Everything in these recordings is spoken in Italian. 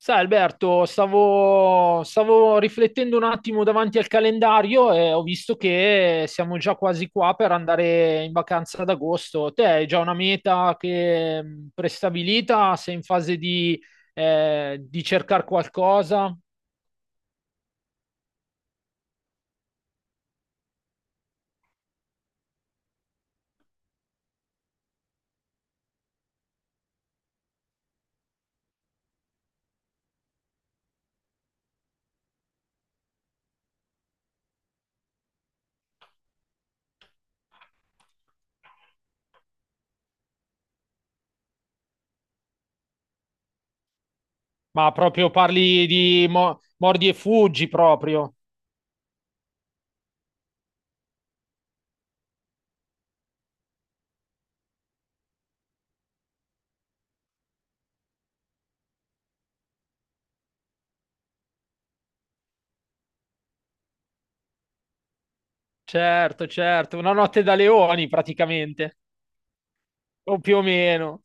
Sai Alberto, stavo riflettendo un attimo davanti al calendario e ho visto che siamo già quasi qua per andare in vacanza ad agosto. Te hai già una meta che prestabilita? Sei in fase di cercare qualcosa? Ma proprio parli di mordi e fuggi proprio. Certo, certo, una notte da leoni praticamente, o più o meno.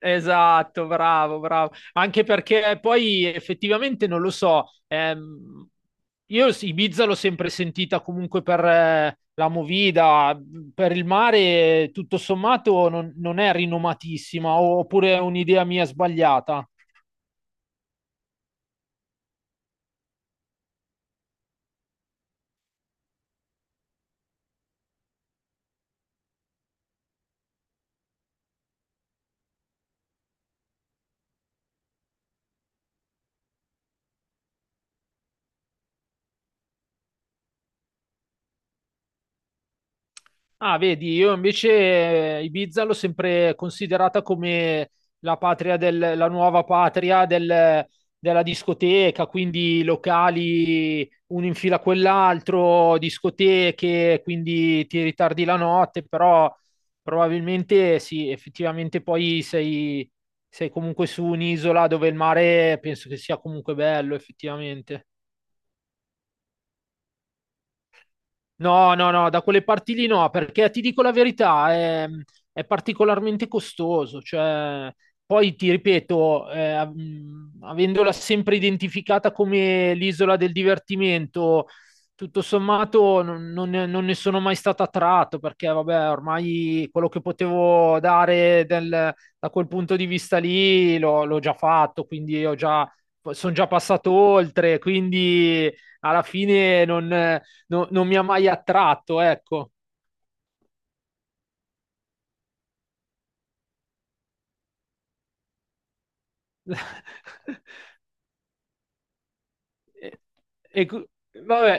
Esatto, bravo, bravo. Anche perché poi effettivamente non lo so, io sì, Ibiza l'ho sempre sentita comunque per la movida, per il mare tutto sommato non è rinomatissima, oppure è un'idea mia sbagliata. Ah, vedi, io invece Ibiza l'ho sempre considerata come la patria del, la nuova patria della discoteca, quindi locali uno in fila a quell'altro, discoteche, quindi ti ritardi la notte, però probabilmente sì, effettivamente poi sei comunque su un'isola dove il mare penso che sia comunque bello, effettivamente. No, no, no, da quelle parti lì no, perché ti dico la verità, è particolarmente costoso. Cioè, poi ti ripeto, avendola sempre identificata come l'isola del divertimento, tutto sommato non ne non ne sono mai stato attratto, perché vabbè, ormai quello che potevo dare da quel punto di vista lì l'ho già fatto, quindi ho già, sono già passato oltre, quindi alla fine non mi ha mai attratto, ecco. E- e cu- vabbè,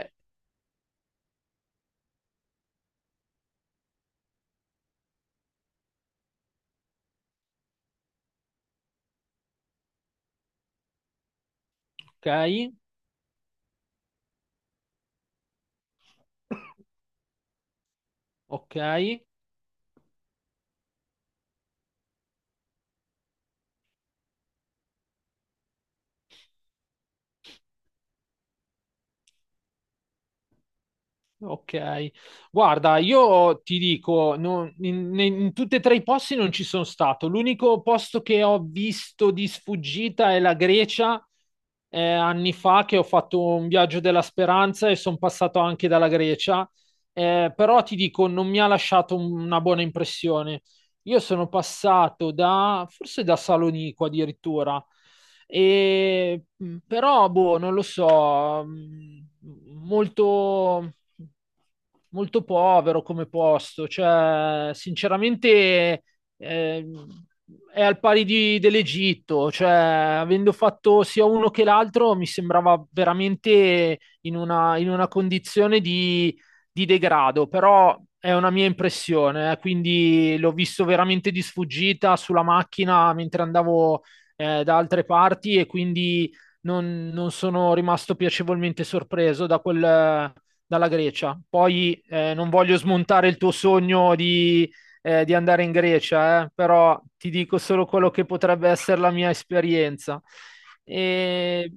ok, ok, ok. Guarda, io ti dico, in tutti e tre i posti non ci sono stato. L'unico posto che ho visto di sfuggita è la Grecia. Anni fa che ho fatto un viaggio della speranza e sono passato anche dalla Grecia. Però ti dico, non mi ha lasciato una buona impressione. Io sono passato da, forse da Salonico addirittura, però, boh, non lo so, molto, molto povero come posto, cioè, sinceramente, eh, è al pari dell'Egitto, cioè, avendo fatto sia uno che l'altro, mi sembrava veramente in una condizione di degrado, però è una mia impressione, quindi l'ho visto veramente di sfuggita sulla macchina mentre andavo da altre parti e quindi non sono rimasto piacevolmente sorpreso da dalla Grecia. Poi non voglio smontare il tuo sogno di andare in Grecia, però ti dico solo quello che potrebbe essere la mia esperienza. E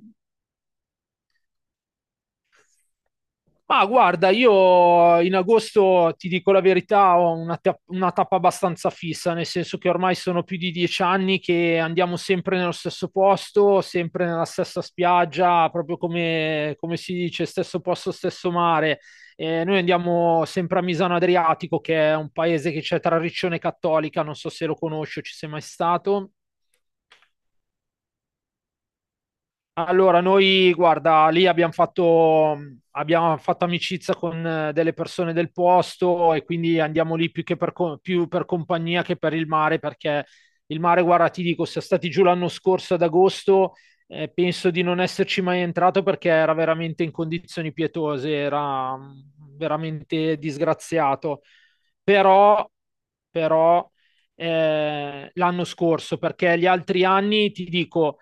Ma guarda, io in agosto ti dico la verità, ho una, una tappa abbastanza fissa, nel senso che ormai sono più di 10 anni che andiamo sempre nello stesso posto, sempre nella stessa spiaggia, proprio come, come si dice, stesso posto, stesso mare. Noi andiamo sempre a Misano Adriatico, che è un paese che c'è tra Riccione e Cattolica, non so se lo conosci o ci sei mai stato. Allora, noi, guarda, lì abbiamo fatto amicizia con delle persone del posto e quindi andiamo lì più che per, più per compagnia che per il mare, perché il mare, guarda, ti dico, siamo stati giù l'anno scorso ad agosto, penso di non esserci mai entrato perché era veramente in condizioni pietose, era veramente disgraziato. Però, però, l'anno scorso, perché gli altri anni, ti dico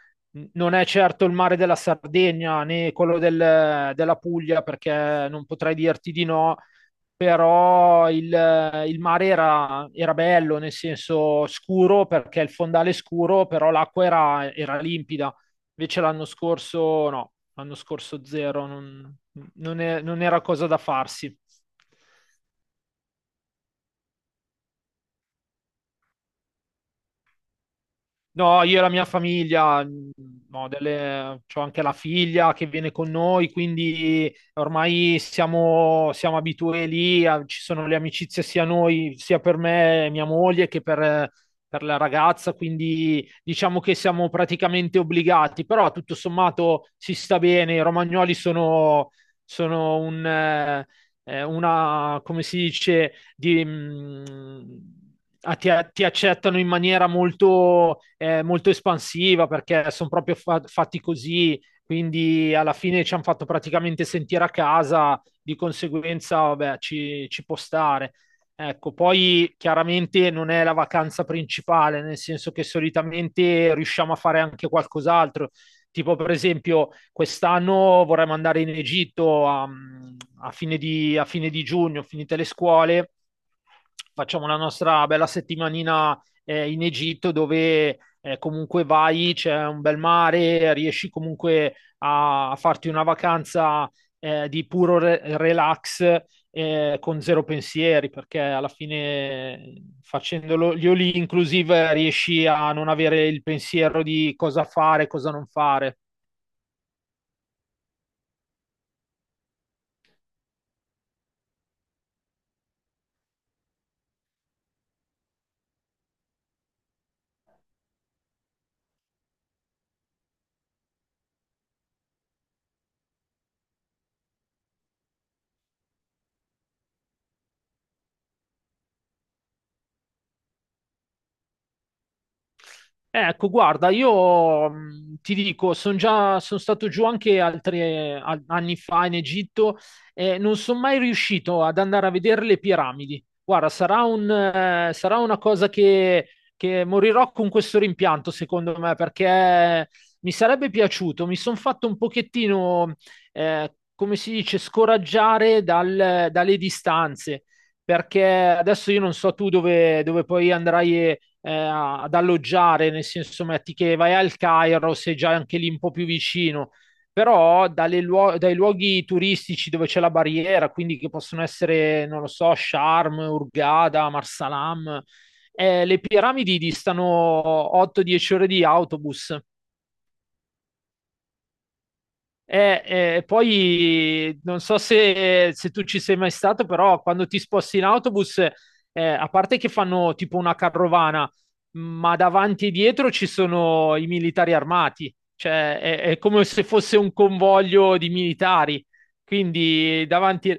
non è certo il mare della Sardegna né quello della Puglia, perché non potrei dirti di no, però il mare era bello, nel senso scuro, perché il fondale è scuro, però l'acqua era limpida. Invece l'anno scorso no, l'anno scorso zero, non era cosa da farsi. No, io e la mia famiglia, no, c'ho anche la figlia che viene con noi, quindi ormai siamo abituati lì, ci sono le amicizie sia noi, sia per me e mia moglie che per la ragazza, quindi diciamo che siamo praticamente obbligati, però tutto sommato si sta bene, i romagnoli sono un, una, come si dice di, a- ti accettano in maniera molto, molto espansiva perché sono proprio fatti così, quindi alla fine ci hanno fatto praticamente sentire a casa, di conseguenza, vabbè, ci può stare. Ecco, poi chiaramente non è la vacanza principale, nel senso che solitamente riusciamo a fare anche qualcos'altro. Tipo, per esempio, quest'anno vorremmo andare in Egitto a, a fine di giugno, finite le scuole, facciamo la nostra bella settimanina in Egitto dove comunque vai, c'è un bel mare, riesci comunque a, a farti una vacanza di puro relax con zero pensieri, perché alla fine facendolo gli Oli inclusive riesci a non avere il pensiero di cosa fare, cosa non fare. Ecco, guarda, io ti dico, sono già, sono stato giù anche altri anni fa in Egitto e non sono mai riuscito ad andare a vedere le piramidi. Guarda, sarà un, sarà una cosa che morirò con questo rimpianto, secondo me, perché mi sarebbe piaciuto. Mi sono fatto un pochettino, come si dice, scoraggiare dalle distanze perché adesso io non so tu dove, dove poi andrai ad alloggiare, nel senso metti che vai al Cairo, sei già anche lì un po' più vicino, però dalle dai luoghi turistici dove c'è la barriera, quindi che possono essere, non lo so, Sharm, Hurghada, Marsalam, le piramidi distano 8-10 ore di autobus. Eh, poi non so se, se tu ci sei mai stato, però quando ti sposti in autobus, a parte che fanno tipo una carovana, ma davanti e dietro ci sono i militari armati, cioè è come se fosse un convoglio di militari. Quindi davanti,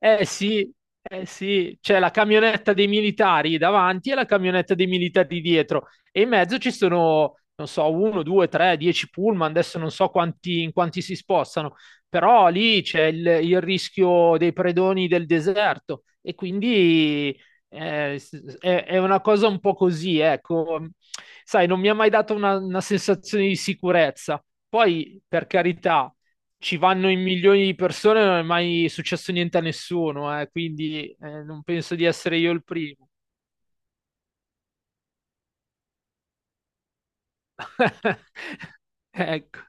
eh sì, eh sì, c'è la camionetta dei militari davanti e la camionetta dei militari dietro e in mezzo ci sono, non so, uno, due, tre, dieci pullman, adesso non so quanti, in quanti si spostano, però lì c'è il rischio dei predoni del deserto e quindi è una cosa un po' così, ecco, sai, non mi ha mai dato una sensazione di sicurezza. Poi, per carità, ci vanno in milioni di persone, non è mai successo niente a nessuno, quindi non penso di essere io il primo. Ecco.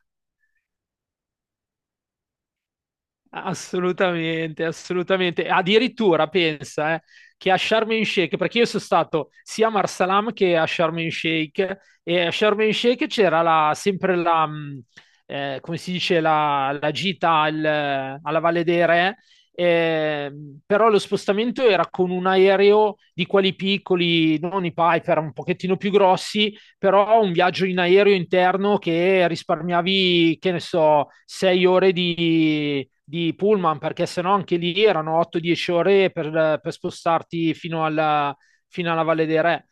Assolutamente, assolutamente. Addirittura pensa che a Sharm el Sheikh, perché io sono stato sia a Marsalam che a Sharm el Sheikh, e a Sharm el Sheikh c'era come si dice, la gita alla Valle dei Re, eh, però lo spostamento era con un aereo di quelli piccoli, non i Piper, un pochettino più grossi, però un viaggio in aereo interno che risparmiavi, che ne so, 6 ore di pullman, perché sennò anche lì erano 8-10 ore per spostarti fino alla Valle dei Re.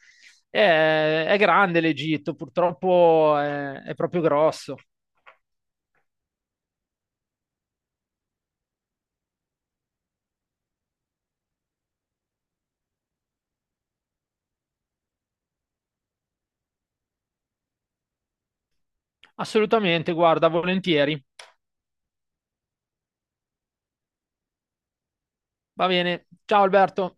È grande l'Egitto, purtroppo è proprio grosso. Assolutamente, guarda, volentieri. Va bene. Ciao Alberto.